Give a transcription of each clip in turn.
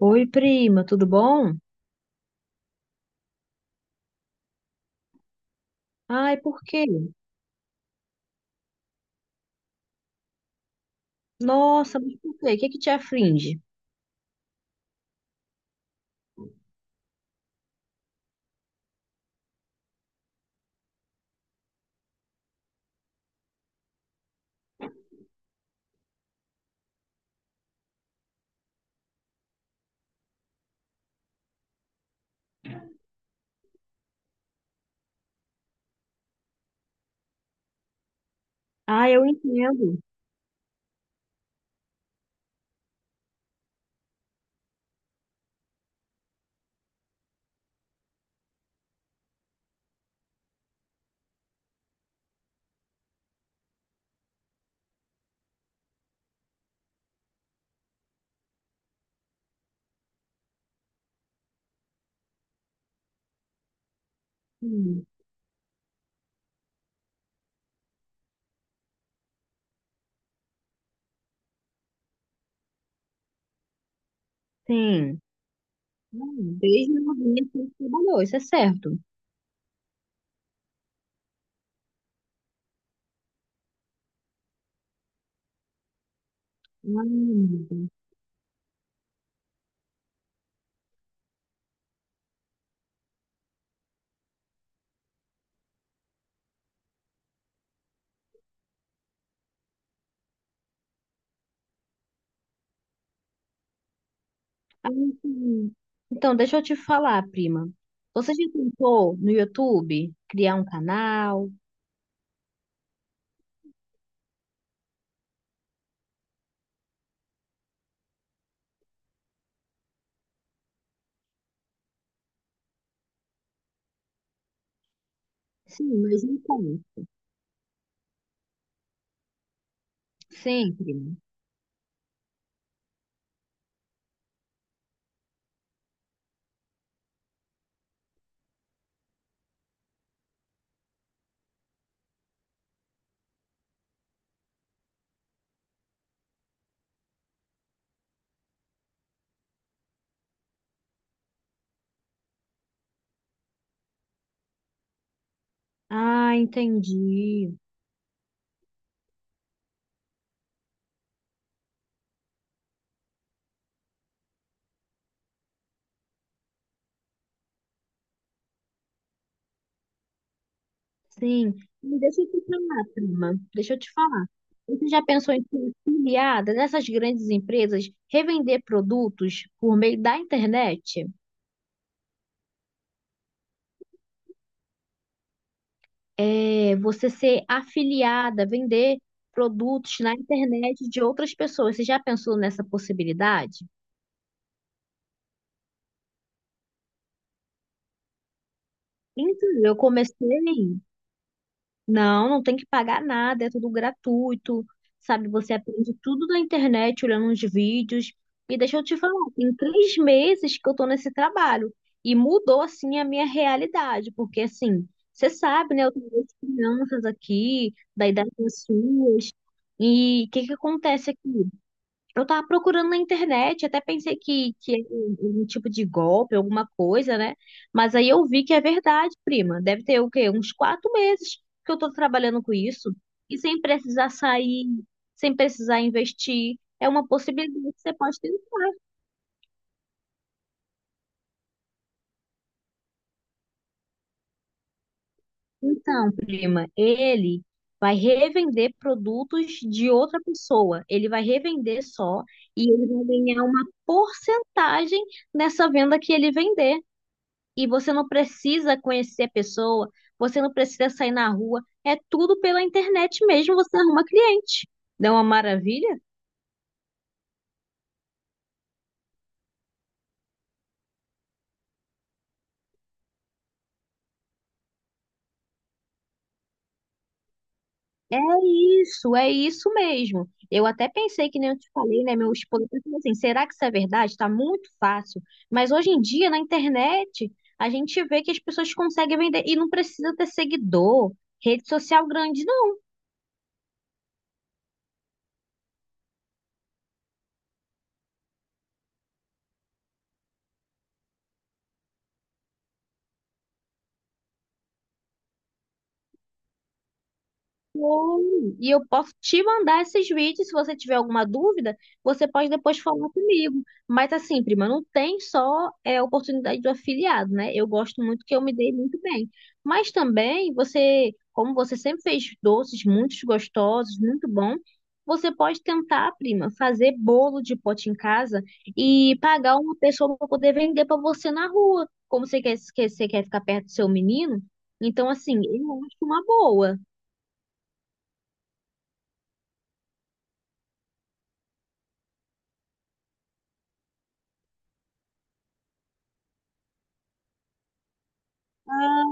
Oi, prima, tudo bom? Ai, por quê? Nossa, mas por quê? O que que te aflige? Ah, eu entendo. Hum. Sim. Hum. Desde novinha sempre trabalhou, isso é certo. Hum. Ah, sim. Então, deixa eu te falar, prima. Você já tentou no YouTube criar um canal? Sim, mas então. Sim, prima. Ah, entendi. Sim. E deixa eu te falar, prima. Deixa eu te falar. Você já pensou em ser afiliada dessas grandes empresas, revender produtos por meio da internet? É, você ser afiliada, vender produtos na internet de outras pessoas. Você já pensou nessa possibilidade? Então, eu comecei. Não, não tem que pagar nada, é tudo gratuito, sabe? Você aprende tudo na internet, olhando uns vídeos. E deixa eu te falar, tem 3 meses que eu tô nesse trabalho e mudou, assim, a minha realidade, porque, assim, você sabe, né? Eu tenho duas crianças aqui, da idade das suas, e o que que acontece aqui? Eu tava procurando na internet, até pensei que era um tipo de golpe, alguma coisa, né? Mas aí eu vi que é verdade, prima. Deve ter o quê? Uns 4 meses que eu tô trabalhando com isso. E sem precisar sair, sem precisar investir. É uma possibilidade que você pode tentar. Então, prima, ele vai revender produtos de outra pessoa. Ele vai revender só e ele vai ganhar uma porcentagem nessa venda que ele vender. E você não precisa conhecer a pessoa, você não precisa sair na rua, é tudo pela internet mesmo, você arruma cliente. Não é uma maravilha? É isso, é isso mesmo. Eu até pensei, que nem eu te falei, né, meu esposo, eu falei assim, será que isso é verdade? Está muito fácil. Mas hoje em dia, na internet, a gente vê que as pessoas conseguem vender e não precisa ter seguidor, rede social grande. Oi. E eu posso te mandar esses vídeos. Se você tiver alguma dúvida, você pode depois falar comigo. Mas assim, prima, não tem só é, oportunidade do afiliado, né? Eu gosto muito, que eu me dei muito bem. Mas também você, como você sempre fez doces muito gostosos, muito bom, você pode tentar, prima, fazer bolo de pote em casa e pagar uma pessoa para poder vender para você na rua. Como você quer, que você quer ficar perto do seu menino, então assim, eu acho uma boa. Ah,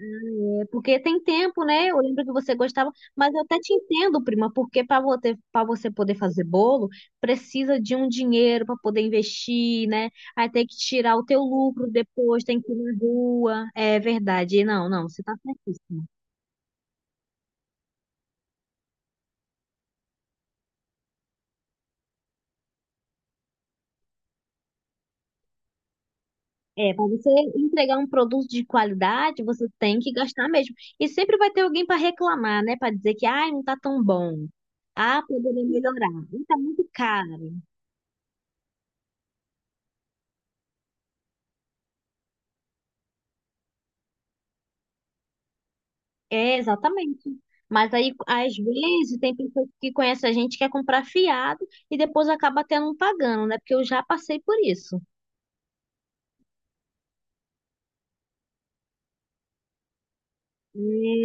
é, porque tem tempo, né? Eu lembro que você gostava, mas eu até te entendo, prima, porque para você poder fazer bolo, precisa de um dinheiro para poder investir, né? Aí tem que tirar o teu lucro depois, tem que ir na rua. É verdade. Não, não, você tá certíssima. É, para você entregar um produto de qualidade, você tem que gastar mesmo. E sempre vai ter alguém para reclamar, né? Para dizer que, ai, não tá tão bom. Ah, poderia melhorar. Não tá muito caro. É, exatamente. Mas aí, às vezes, tem pessoas que conhecem a gente que quer comprar fiado e depois acaba até não pagando, né? Porque eu já passei por isso.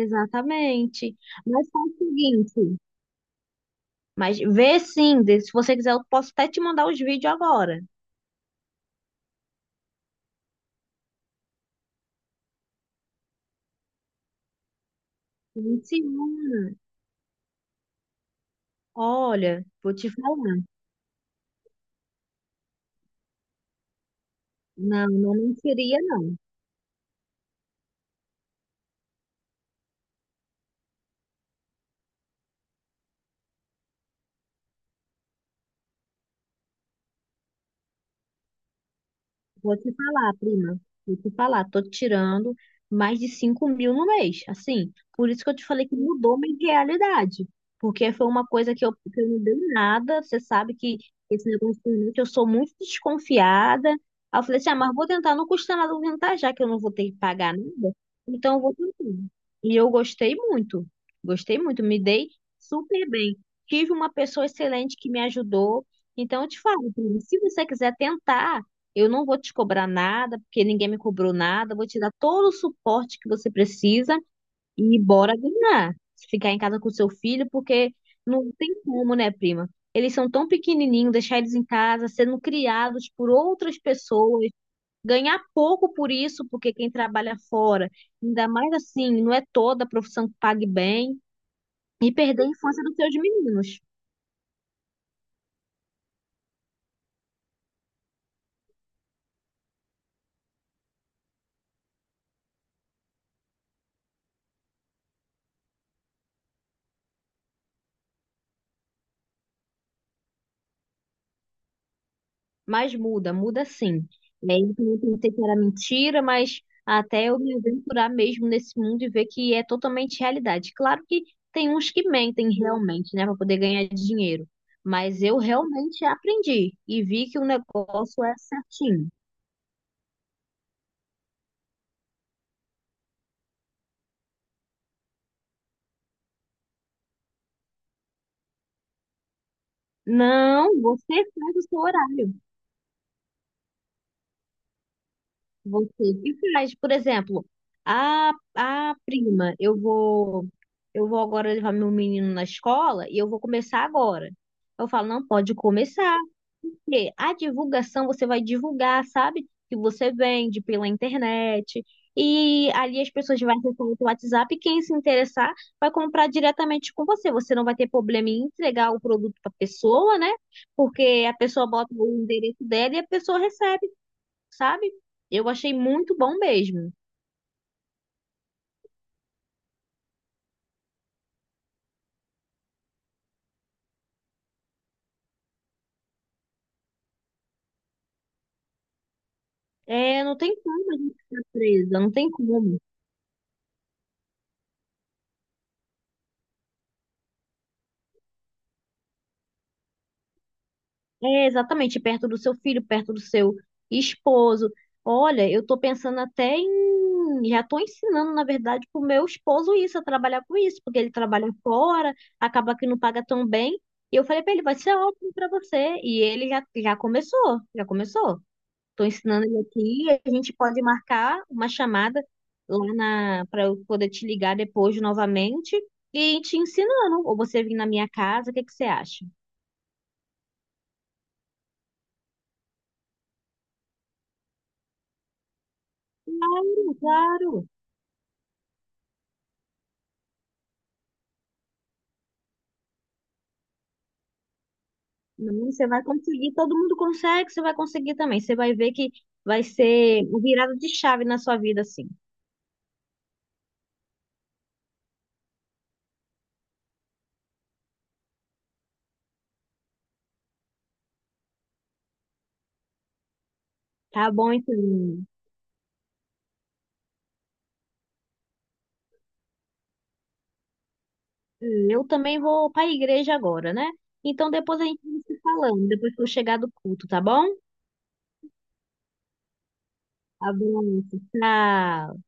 Exatamente. Mas faz o seguinte, mas vê sim, se você quiser, eu posso até te mandar os vídeos agora. Sim, sim. Olha, vou te falar. Não, não mentiria. Vou te falar, prima. Vou te falar, tô tirando mais de 5 mil no mês. Assim, por isso que eu te falei que mudou minha realidade. Porque foi uma coisa que eu não dei nada. Você sabe que esse negócio de internet, eu sou muito desconfiada. Aí eu falei assim, ah, mas vou tentar, não custa nada eu tentar, já que eu não vou ter que pagar nada. Então eu vou tentar. E eu gostei muito. Gostei muito, me dei super bem. Tive uma pessoa excelente que me ajudou. Então eu te falo, prima, se você quiser tentar. Eu não vou te cobrar nada, porque ninguém me cobrou nada. Eu vou te dar todo o suporte que você precisa e bora ganhar. Ficar em casa com seu filho, porque não tem como, né, prima? Eles são tão pequenininhos, deixar eles em casa, sendo criados por outras pessoas, ganhar pouco por isso, porque quem trabalha fora, ainda mais assim, não é toda a profissão que pague bem, e perder a infância dos seus meninos. Mas muda, muda sim. E aí eu pensei que era mentira, mas até eu me aventurar mesmo nesse mundo e ver que é totalmente realidade. Claro que tem uns que mentem realmente, né, para poder ganhar dinheiro. Mas eu realmente aprendi e vi que o negócio é certinho. Não, você faz o seu horário. Você que faz, por exemplo, a prima, eu vou agora levar meu menino na escola e eu vou começar agora. Eu falo, não, pode começar. Porque a divulgação você vai divulgar, sabe? Que você vende pela internet. E ali as pessoas vão acessar o WhatsApp e quem se interessar vai comprar diretamente com você. Você não vai ter problema em entregar o produto para a pessoa, né? Porque a pessoa bota o endereço dela e a pessoa recebe, sabe? Eu achei muito bom mesmo. É, não tem como a gente ficar presa, não tem como. É, exatamente, perto do seu filho, perto do seu esposo. Olha, eu tô pensando até em. Já tô ensinando, na verdade, pro meu esposo isso, a trabalhar com isso, porque ele trabalha fora, acaba que não paga tão bem. E eu falei pra ele, vai ser ótimo pra você. E ele já, já começou. Estou ensinando ele aqui. A gente pode marcar uma chamada lá na para eu poder te ligar depois novamente e ir te ensinando. Ou você vir na minha casa, o que que você acha? Claro, claro. Não, você vai conseguir, todo mundo consegue, você vai conseguir também. Você vai ver que vai ser um virada de chave na sua vida, assim. Tá bom, então. Eu também vou para a igreja agora, né? Então depois a gente vai se falando, depois que eu chegar do culto, tá bom? Abraço, tchau.